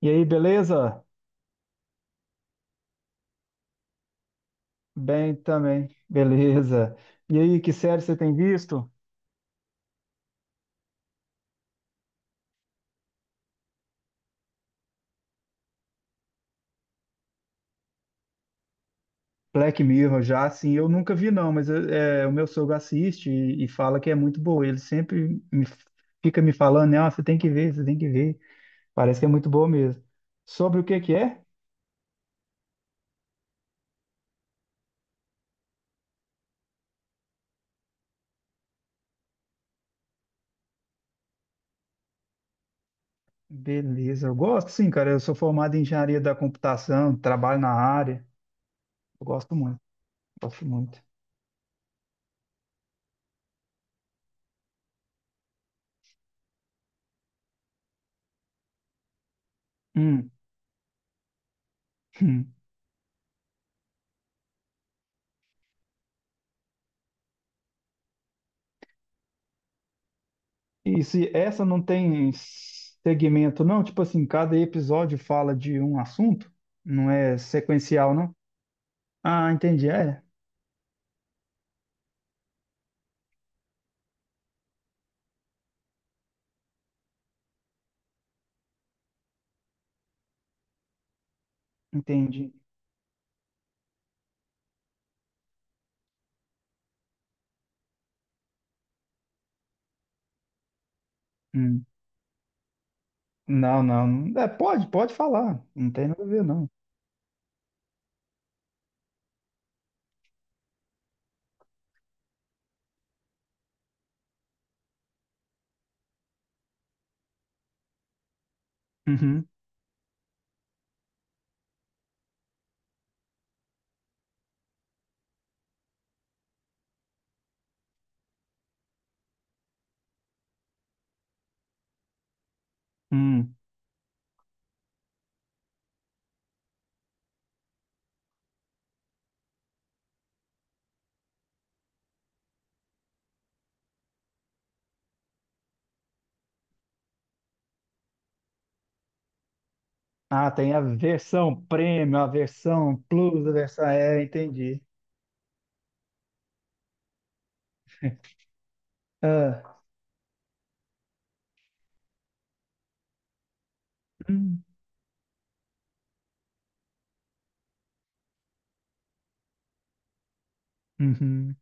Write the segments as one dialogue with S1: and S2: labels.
S1: E aí, beleza? Bem também, beleza. E aí, que série você tem visto? Black Mirror, já assim, eu nunca vi não, mas o meu sogro assiste e fala que é muito boa. Ele sempre me, fica me falando, né? "Ah, você tem que ver, você tem que ver." Parece que é muito boa mesmo. Sobre o que que é? Beleza, eu gosto sim, cara. Eu sou formado em engenharia da computação, trabalho na área. Eu gosto muito, gosto muito. Hum. E se essa não tem segmento, não? Tipo assim, cada episódio fala de um assunto? Não é sequencial, não? Ah, entendi. É, entendi. Hum. Não, não. É, pode, pode falar. Não tem nada a ver, não. Uhum. Hum. Ah, tem a versão premium, a versão plus, a versão. É, entendi. Ah, hum, uhum,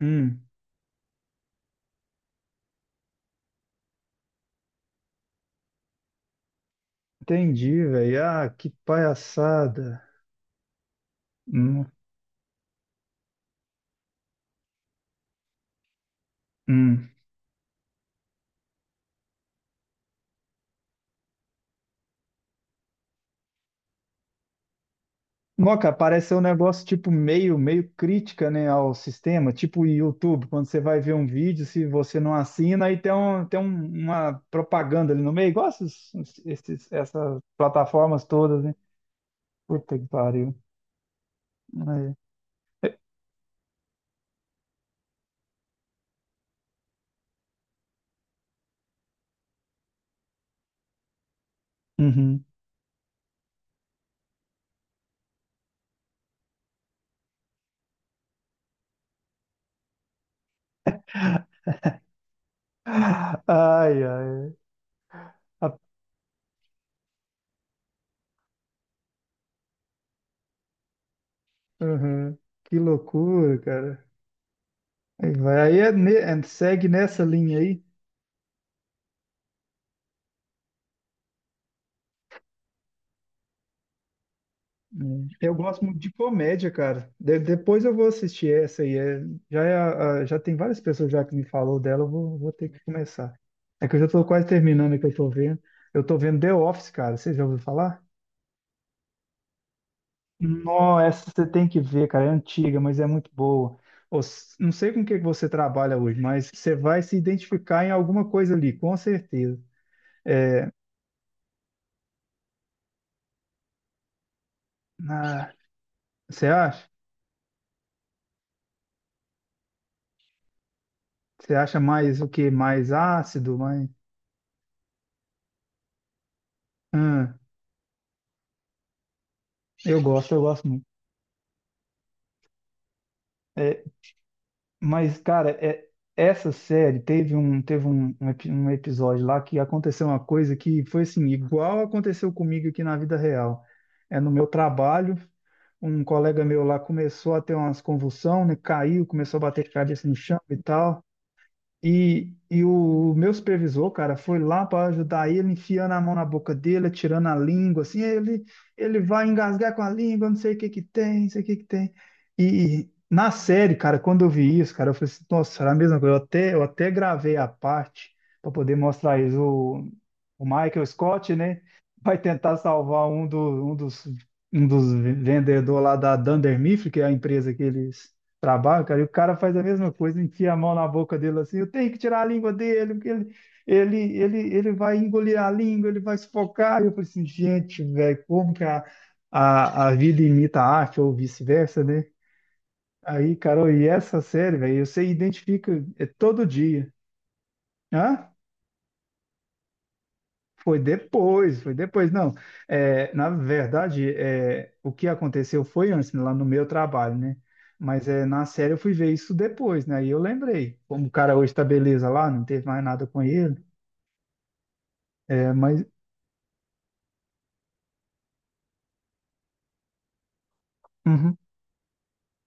S1: hum. Entendi, velho. Ah, que palhaçada. Hum, hum. Moca, parece ser um negócio tipo meio, meio crítica, né, ao sistema, tipo o YouTube, quando você vai ver um vídeo, se você não assina, aí tem, um, uma propaganda ali no meio, igual essas plataformas todas, né? Puta que pariu. É. Uhum. Ai, ai. A- uhum. Que loucura, cara. Aí vai, aí segue nessa linha aí. É. Eu gosto muito de comédia, cara. Depois eu vou assistir essa aí. É- já, é a- Já tem várias pessoas já que me falou dela, eu vou, vou ter que começar. É que eu já tô quase terminando o que eu tô vendo. Eu tô vendo The Office, cara. Você já ouviu falar? Não, essa você tem que ver, cara. É antiga, mas é muito boa. Não sei com o que que você trabalha hoje, mas você vai se identificar em alguma coisa ali, com certeza. Ah, você acha? Você acha mais o quê? Mais ácido? Mais... Hum, eu gosto muito. Mas, cara, essa série teve um episódio lá que aconteceu uma coisa que foi assim, igual aconteceu comigo aqui na vida real. É no meu trabalho, um colega meu lá começou a ter umas convulsões, né? Caiu, começou a bater cabeça no chão e tal. E o meu supervisor, cara, foi lá para ajudar ele, enfiando a mão na boca dele, tirando a língua, assim, ele vai engasgar com a língua, não sei o que que tem, não sei o que que tem. E na série, cara, quando eu vi isso, cara, eu falei assim, nossa, era a mesma coisa. Eu até gravei a parte para poder mostrar isso. O Michael Scott, né, vai tentar salvar um dos, um dos vendedores lá da Dunder Mifflin, que é a empresa que eles trabalho, cara, e o cara faz a mesma coisa, enfia a mão na boca dele assim, eu tenho que tirar a língua dele, porque ele vai engolir a língua, ele vai sufocar. E eu falei assim, gente, velho, como que a vida imita a arte, ou vice-versa, né? Aí, Carol, e essa série, velho, você identifica é, todo dia. Hã? Foi depois, foi depois. Não, é, na verdade, é, o que aconteceu foi antes, né, lá no meu trabalho, né? Mas é, na série eu fui ver isso depois, né? E eu lembrei. Como o cara hoje tá beleza lá, não teve mais nada com ele. É, mas. Uhum,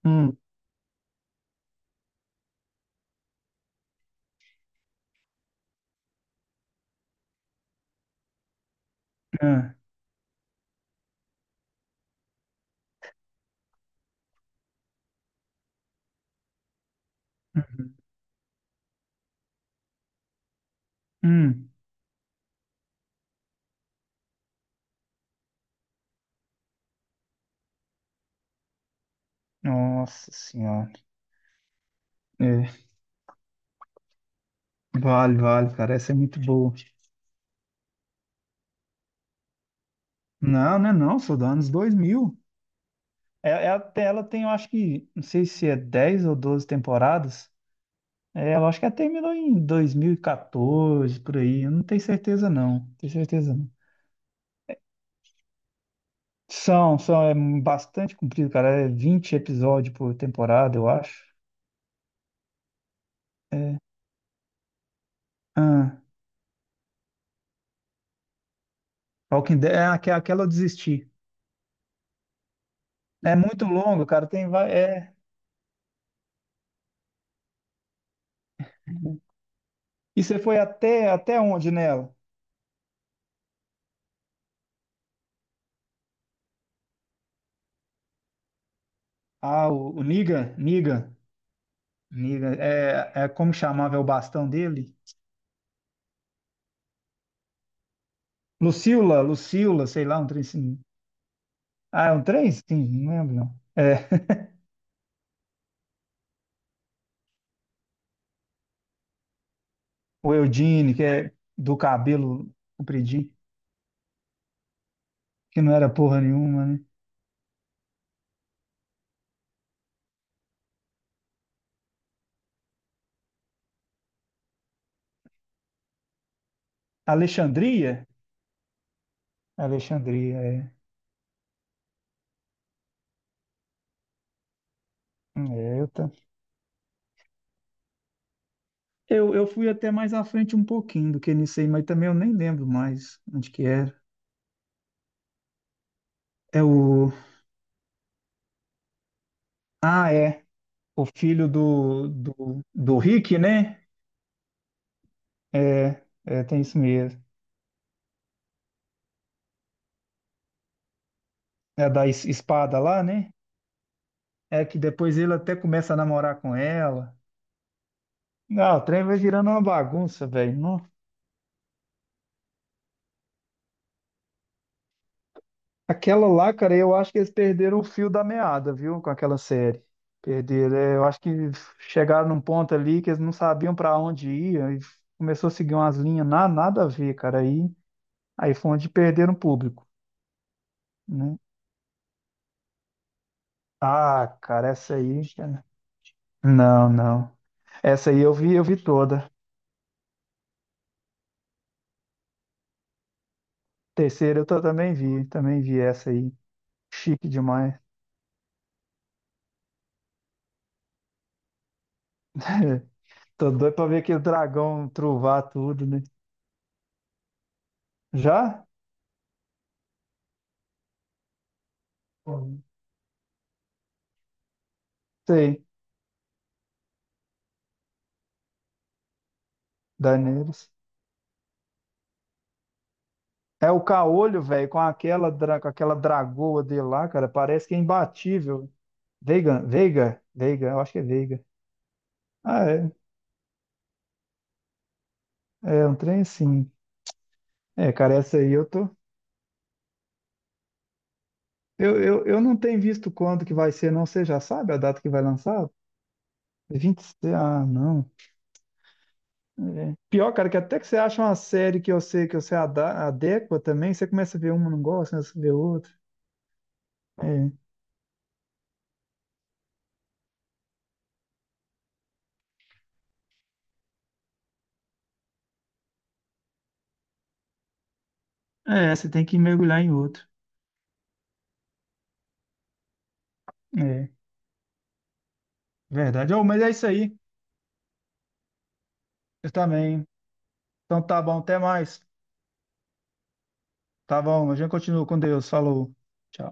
S1: hum, ah, uhum, hum. Nossa Senhora. É, vale, vale, cara. Essa é muito boa. Não, não é não, sou dos anos 2000. É, é, ela tem, eu acho que, não sei se é 10 ou 12 temporadas. É, eu acho que até terminou em 2014, por aí. Eu não tenho certeza, não. Não tenho certeza, não. São, são, é bastante comprido, cara. É 20 episódios por temporada, eu acho. Ah, Walking Dead, aquela eu desisti. É muito longo, cara. E você foi até, até onde nela? Ah, o Negan, Negan, Negan. É, é como chamava é o bastão dele? Lucila, Lucila, sei lá, um trem assim. Ah, é um trem? Sim, não lembro, não. É. O Eudine, que é do cabelo compridinho, que não era porra nenhuma, né? Alexandria? Alexandria, é. É, eu, tá- eu fui até mais à frente um pouquinho do que nisso aí, mas também eu nem lembro mais onde que era. É o. Ah, é. O filho do Rick, né? É, é, tem isso mesmo. Espada lá, né? É que depois ele até começa a namorar com ela. Não, o trem vai virando uma bagunça, velho. Aquela lá, cara, eu acho que eles perderam o fio da meada, viu? Com aquela série. Perderam. É, eu acho que chegaram num ponto ali que eles não sabiam pra onde ir, e começou a seguir umas linhas na, nada a ver, cara. Aí, aí foi onde perderam o público, né? Ah, cara, essa aí. Cara, não, não. Essa aí eu vi toda. Terceira eu também vi essa aí. Chique demais. Tô doido pra ver aquele dragão truvar tudo, né? Já? Sei, Daenerys. É o caolho, velho, com com aquela dragoa dele lá, cara, parece que é imbatível. Veiga, Veiga, Veiga, eu acho que é Veiga. Ah, é, é um trem assim. É, cara, essa aí eu tô. Eu não tenho visto quando que vai ser, não. Você já sabe a data que vai lançar? 20... Ah, não. É. Pior, cara, que até que você acha uma série que eu sei que você adequa também, você começa a ver uma, não gosta, começa a ver outra. É. É, você tem que mergulhar em outro. É, verdade. Ô, mas é isso aí. Eu também. Então tá bom, até mais. Tá bom, a gente continua com Deus. Falou. Tchau.